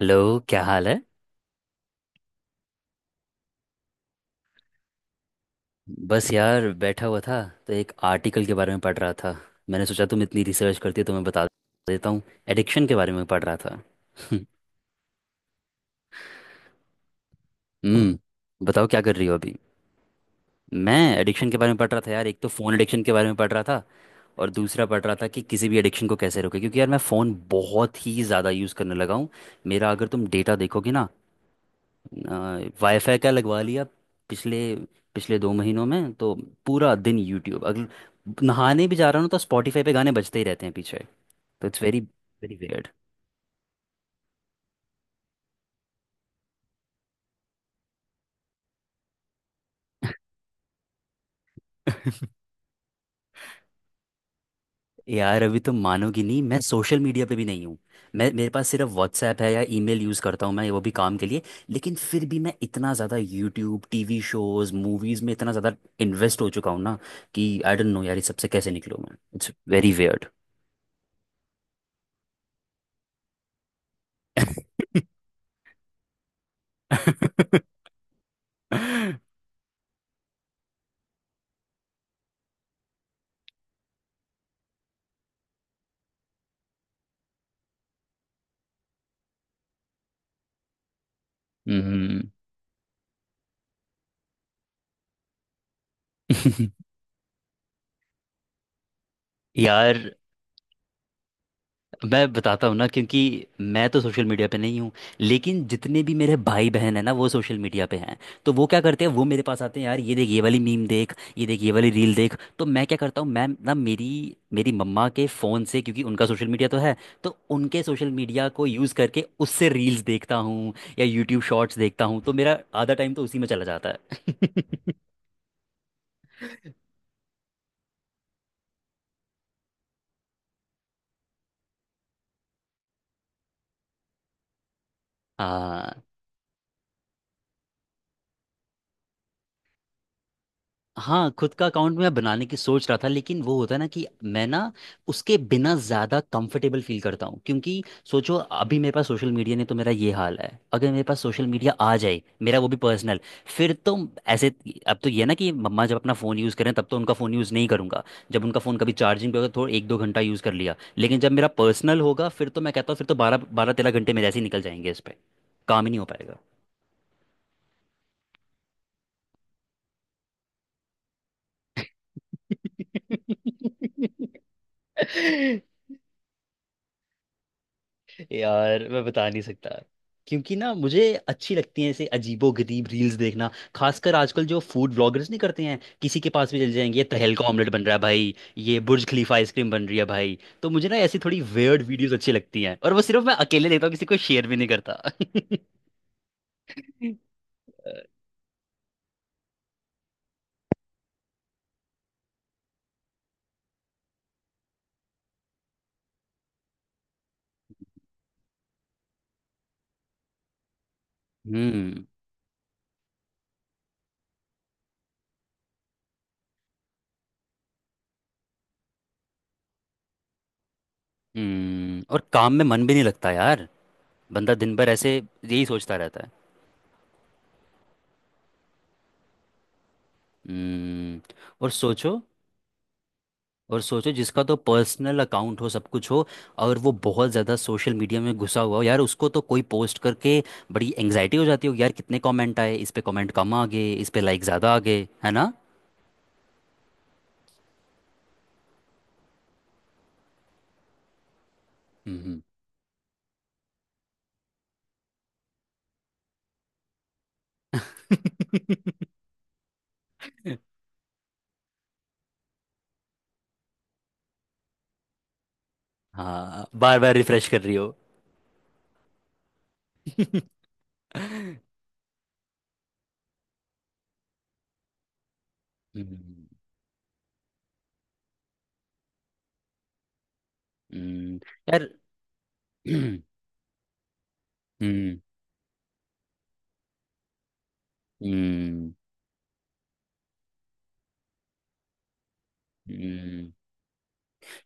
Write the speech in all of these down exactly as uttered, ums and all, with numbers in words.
Hello. क्या हाल है? बस यार, बैठा हुआ था। तो एक आर्टिकल के बारे में पढ़ रहा था। मैंने सोचा तुम इतनी रिसर्च करती हो तो मैं बता देता हूँ। एडिक्शन के बारे में पढ़ रहा था। हम्म। बताओ क्या कर रही हो अभी? मैं एडिक्शन के बारे में पढ़ रहा था यार। एक तो फ़ोन एडिक्शन के बारे में पढ़ रहा था, और दूसरा पढ़ रहा था कि किसी भी एडिक्शन को कैसे रोके, क्योंकि यार मैं फ़ोन बहुत ही ज़्यादा यूज़ करने लगा हूँ। मेरा अगर तुम डेटा देखोगे ना, वाईफाई का लगवा लिया, पिछले पिछले दो महीनों में तो पूरा दिन यूट्यूब। अगर नहाने भी जा रहा हूँ तो स्पॉटिफाई पे गाने बजते ही रहते हैं पीछे। तो इट्स वेरी वेरी वियर्ड। यार अभी तो मानोगी नहीं, मैं सोशल मीडिया पे भी नहीं हूँ। मैं मेरे पास सिर्फ व्हाट्सएप है, या ईमेल यूज़ करता हूँ मैं, वो भी काम के लिए। लेकिन फिर भी मैं इतना ज़्यादा यूट्यूब, टीवी शोज़, मूवीज़ में इतना ज़्यादा इन्वेस्ट हो चुका हूँ ना, कि आई डोंट नो यार, इस सबसे कैसे निकलूँ मैं। It's very weird. हम्म। यार मैं बताता हूँ ना, क्योंकि मैं तो सोशल मीडिया पे नहीं हूँ, लेकिन जितने भी मेरे भाई बहन है ना, वो सोशल मीडिया पे हैं। तो वो क्या करते हैं, वो मेरे पास आते हैं, यार ये देख ये वाली मीम देख, ये देख ये वाली रील देख। तो मैं क्या करता हूँ, मैं ना, मेरी मेरी मम्मा के फ़ोन से, क्योंकि उनका सोशल मीडिया तो है, तो उनके सोशल मीडिया को यूज़ करके उससे रील्स देखता हूँ या यूट्यूब शॉर्ट्स देखता हूँ। तो मेरा आधा टाइम तो उसी में चला जाता है। हाँ। हाँ खुद का अकाउंट मैं बनाने की सोच रहा था, लेकिन वो होता है ना कि मैं ना उसके बिना ज़्यादा कंफर्टेबल फील करता हूँ, क्योंकि सोचो अभी मेरे पास सोशल मीडिया नहीं तो मेरा ये हाल है, अगर मेरे पास सोशल मीडिया आ जाए, मेरा वो भी पर्सनल, फिर तो ऐसे। अब तो ये ना कि मम्मा जब अपना फ़ोन यूज़ करें तब तो उनका फ़ोन यूज़ नहीं करूँगा। जब उनका फ़ोन कभी चार्जिंग पे होगा तो थोड़ा एक दो घंटा यूज़ कर लिया, लेकिन जब मेरा पर्सनल होगा, फिर तो मैं कहता हूँ फिर तो बारह बारह तेरह घंटे मेरे ऐसे ही निकल जाएंगे इस पर। काम ही नहीं हो पाएगा। यार मैं बता नहीं सकता, क्योंकि ना मुझे अच्छी लगती हैं ऐसे अजीबो गरीब रील्स देखना। खासकर आजकल जो फूड व्लॉगर्स नहीं करते हैं, किसी के पास भी चले जाएंगे, ये तहल का ऑमलेट बन रहा है भाई, ये बुर्ज खलीफा आइसक्रीम बन रही है भाई। तो मुझे ना ऐसी थोड़ी वेयर्ड वीडियोस अच्छी लगती हैं, और वो सिर्फ मैं अकेले देखता हूँ, किसी को शेयर भी नहीं करता। हम्म। हम्म, और काम में मन भी नहीं लगता यार। बंदा दिन भर ऐसे यही सोचता रहता है। हम्म। और सोचो, और सोचो जिसका तो पर्सनल अकाउंट हो, सब कुछ हो, और वो बहुत ज़्यादा सोशल मीडिया में घुसा हुआ हो, यार उसको तो कोई पोस्ट करके बड़ी एंग्जाइटी हो जाती होगी यार, कितने कमेंट आए इस पे, कमेंट कम आ गए इस पे, लाइक ज़्यादा आ गए, है ना? हम्म। हाँ बार बार रिफ्रेश कर रही हो। हम्म, हम्म, यार। हम्म, हम्म, हम्म,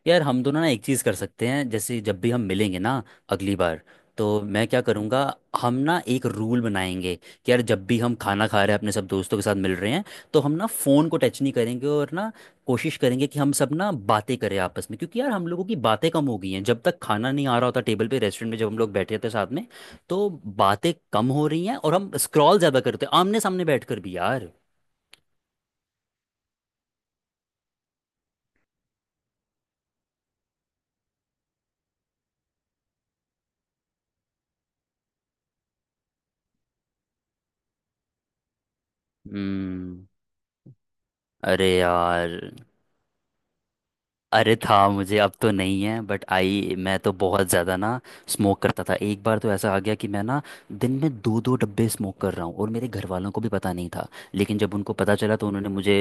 यार हम दोनों ना एक चीज़ कर सकते हैं। जैसे जब भी हम मिलेंगे ना अगली बार, तो मैं क्या करूँगा, हम ना एक रूल बनाएंगे, कि यार जब भी हम खाना खा रहे हैं, अपने सब दोस्तों के साथ मिल रहे हैं, तो हम ना फ़ोन को टच नहीं करेंगे, और ना, कोशिश करेंगे कि हम सब ना बातें करें आपस में, क्योंकि यार हम लोगों की बातें कम हो गई हैं। जब तक खाना नहीं आ रहा होता टेबल पे रेस्टोरेंट में, जब हम लोग बैठे थे साथ में, तो बातें कम हो रही हैं और हम स्क्रॉल ज़्यादा करते हैं आमने सामने बैठ कर भी यार। हम्म। अरे यार। अरे था मुझे, अब तो नहीं है, बट आई मैं तो बहुत ज़्यादा ना स्मोक करता था। एक बार तो ऐसा आ गया कि मैं ना दिन में दो दो डब्बे स्मोक कर रहा हूँ, और मेरे घर वालों को भी पता नहीं था। लेकिन जब उनको पता चला, तो उन्होंने मुझे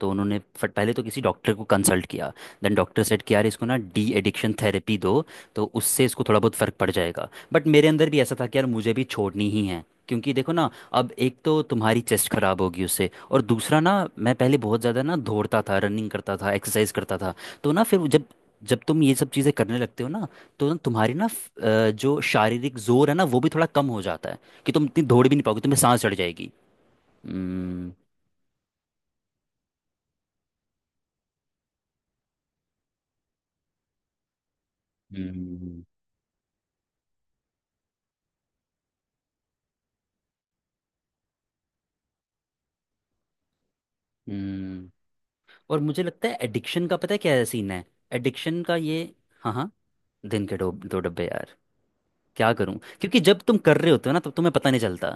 तो उन्होंने फट पहले तो किसी डॉक्टर को कंसल्ट किया। देन डॉक्टर सेट कि यार इसको ना डी एडिक्शन थेरेपी दो, तो उससे इसको थोड़ा बहुत फ़र्क पड़ जाएगा। बट मेरे अंदर भी ऐसा था कि यार मुझे भी छोड़नी ही है, क्योंकि देखो ना, अब एक तो तुम्हारी चेस्ट खराब होगी उससे, और दूसरा ना, मैं पहले बहुत ज़्यादा ना दौड़ता था, रनिंग करता था, एक्सरसाइज करता था, तो ना फिर वो, जब जब तुम ये सब चीज़ें करने लगते हो ना, तो ना तुम्हारी ना फ- अ, जो शारीरिक जोर है ना वो भी थोड़ा कम हो जाता है, कि तुम इतनी दौड़ भी नहीं पाओगे, तुम्हें सांस चढ़ जाएगी। हम्म। हम्म। हम्म। और मुझे लगता है एडिक्शन का पता है क्या सीन है, एडिक्शन का ये। हाँ, हाँ। दिन के दो दो डब्बे यार, क्या करूं? क्योंकि जब तुम कर रहे होते हो ना, तब तुम्हें पता नहीं चलता।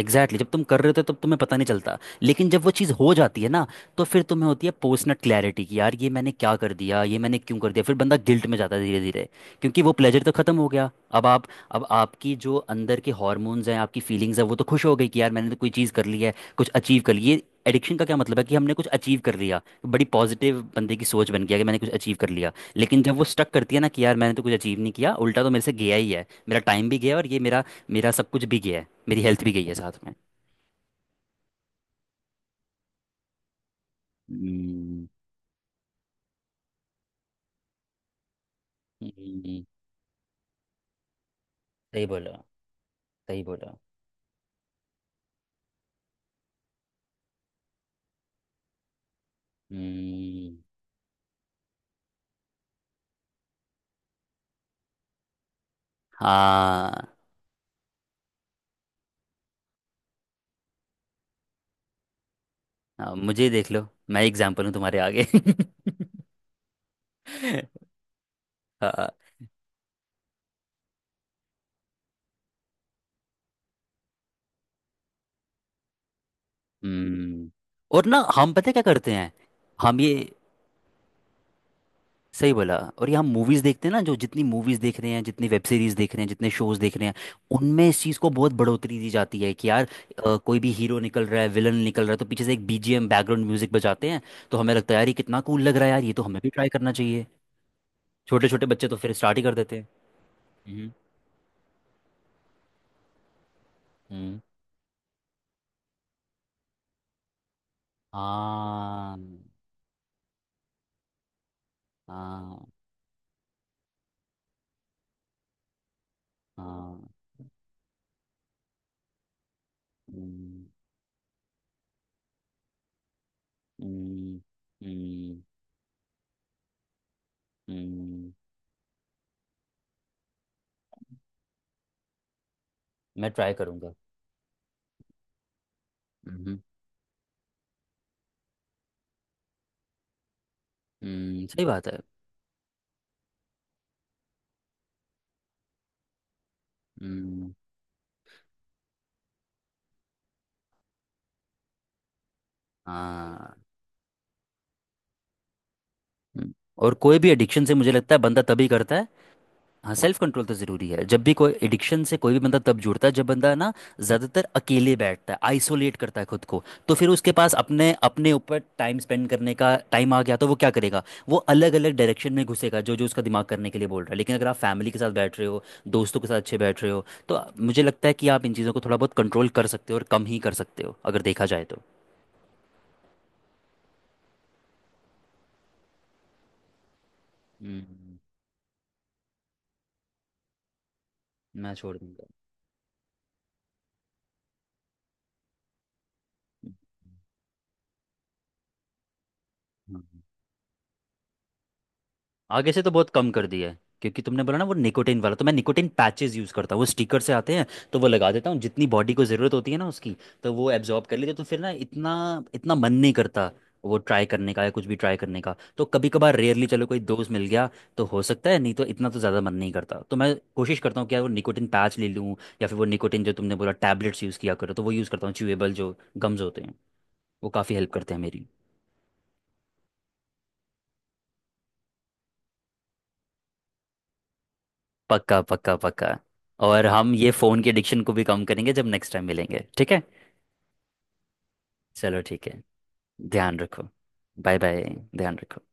एग्जैक्टली exactly, जब तुम कर रहे होते हो तब तुम्हें पता नहीं चलता, लेकिन जब वो चीज़ हो जाती है ना, तो फिर तुम्हें होती है पोस्ट नट क्लैरिटी, कि यार ये मैंने क्या कर दिया, ये मैंने क्यों कर दिया। फिर बंदा गिल्ट में जाता है धीरे धीरे, क्योंकि वो प्लेजर तो खत्म हो गया। अब आप अब आपकी जो अंदर के हॉर्मोन्स हैं, आपकी फीलिंग्स हैं, वो तो खुश हो गई कि यार मैंने तो कोई चीज़ कर ली है, कुछ अचीव कर ली। ये एडिक्शन का क्या मतलब है, कि हमने कुछ अचीव कर लिया, बड़ी पॉजिटिव बंदे की सोच बन गया कि मैंने कुछ अचीव कर लिया। लेकिन जब वो स्टक करती है ना, कि यार मैंने तो कुछ अचीव नहीं किया, उल्टा तो मेरे से गया ही है, मेरा टाइम भी गया, और ये मेरा मेरा सब कुछ भी गया है, मेरी हेल्थ भी गई है साथ में। हम्म, हम्म, सही बोला, सही बोला। हम्म। हाँ, हाँ, मुझे देख लो, मैं एग्जाम्पल हूँ तुम्हारे आगे। हाँ। हम्म। और ना हम पता है क्या करते हैं, हम ये, सही बोला। और ये हम मूवीज देखते हैं ना, जो जितनी मूवीज देख रहे हैं, जितनी वेब सीरीज देख रहे हैं, जितने शोज देख रहे हैं, उनमें इस चीज को बहुत बढ़ोतरी दी जाती है, कि यार अ, कोई भी हीरो निकल रहा है, विलन निकल रहा है, तो पीछे से एक बीजीएम बैकग्राउंड म्यूजिक बजाते हैं, तो हमें लगता है यार ये कितना कूल लग रहा है, यार ये तो हमें भी ट्राई करना चाहिए। छोटे छोटे बच्चे तो फिर स्टार्ट ही कर देते हैं। हम्म। हम्म। हाँ, हाँ, हाँ। हम्म, हम्म, हम्म, हम्म। मैं ट्राई करूंगा। हम्म। हम्म, सही बात है। हम्म। हाँ। हम्म। और कोई भी एडिक्शन से मुझे लगता है बंदा तभी करता है। हाँ सेल्फ कंट्रोल तो ज़रूरी है। जब भी कोई एडिक्शन से कोई भी बंदा तब जुड़ता है, जब बंदा ना ज़्यादातर अकेले बैठता है, आइसोलेट करता है खुद को। तो फिर उसके पास अपने अपने ऊपर टाइम स्पेंड करने का टाइम आ गया, तो वो क्या करेगा, वो अलग अलग डायरेक्शन में घुसेगा, जो जो उसका दिमाग करने के लिए बोल रहा है। लेकिन अगर आप फैमिली के साथ बैठ रहे हो, दोस्तों के साथ अच्छे बैठ रहे हो, तो मुझे लगता है कि आप इन चीज़ों को थोड़ा बहुत कंट्रोल कर सकते हो, और कम ही कर सकते हो, अगर देखा जाए तो। हम्म। मैं छोड़ दूंगा। हाँ, आगे से तो बहुत कम कर दिया है, क्योंकि तुमने बोला ना वो निकोटिन वाला, तो मैं निकोटिन पैचेस यूज़ करता हूँ, वो स्टिकर से आते हैं, तो वो लगा देता हूँ, जितनी बॉडी को ज़रूरत होती है ना उसकी, तो वो एब्जॉर्ब कर लेती है, तो फिर ना इतना इतना मन नहीं करता वो ट्राई करने का या कुछ भी ट्राई करने का। तो कभी कभार, रेयरली, चलो कोई दोस्त मिल गया तो हो सकता है, नहीं तो इतना तो ज़्यादा मन नहीं करता। तो मैं कोशिश करता हूँ कि यार वो निकोटिन पैच ले लूँ, या फिर वो निकोटिन जो तुमने बोला टैबलेट्स यूज़ किया करो, तो वो यूज़ करता हूँ च्यूएबल जो गम्स होते हैं, वो काफ़ी हेल्प करते हैं मेरी। पक्का, पक्का, पक्का। और हम ये फोन की एडिक्शन को भी कम करेंगे जब नेक्स्ट टाइम मिलेंगे, ठीक है? चलो ठीक है। ध्यान रखो। Bye bye. ध्यान रखो।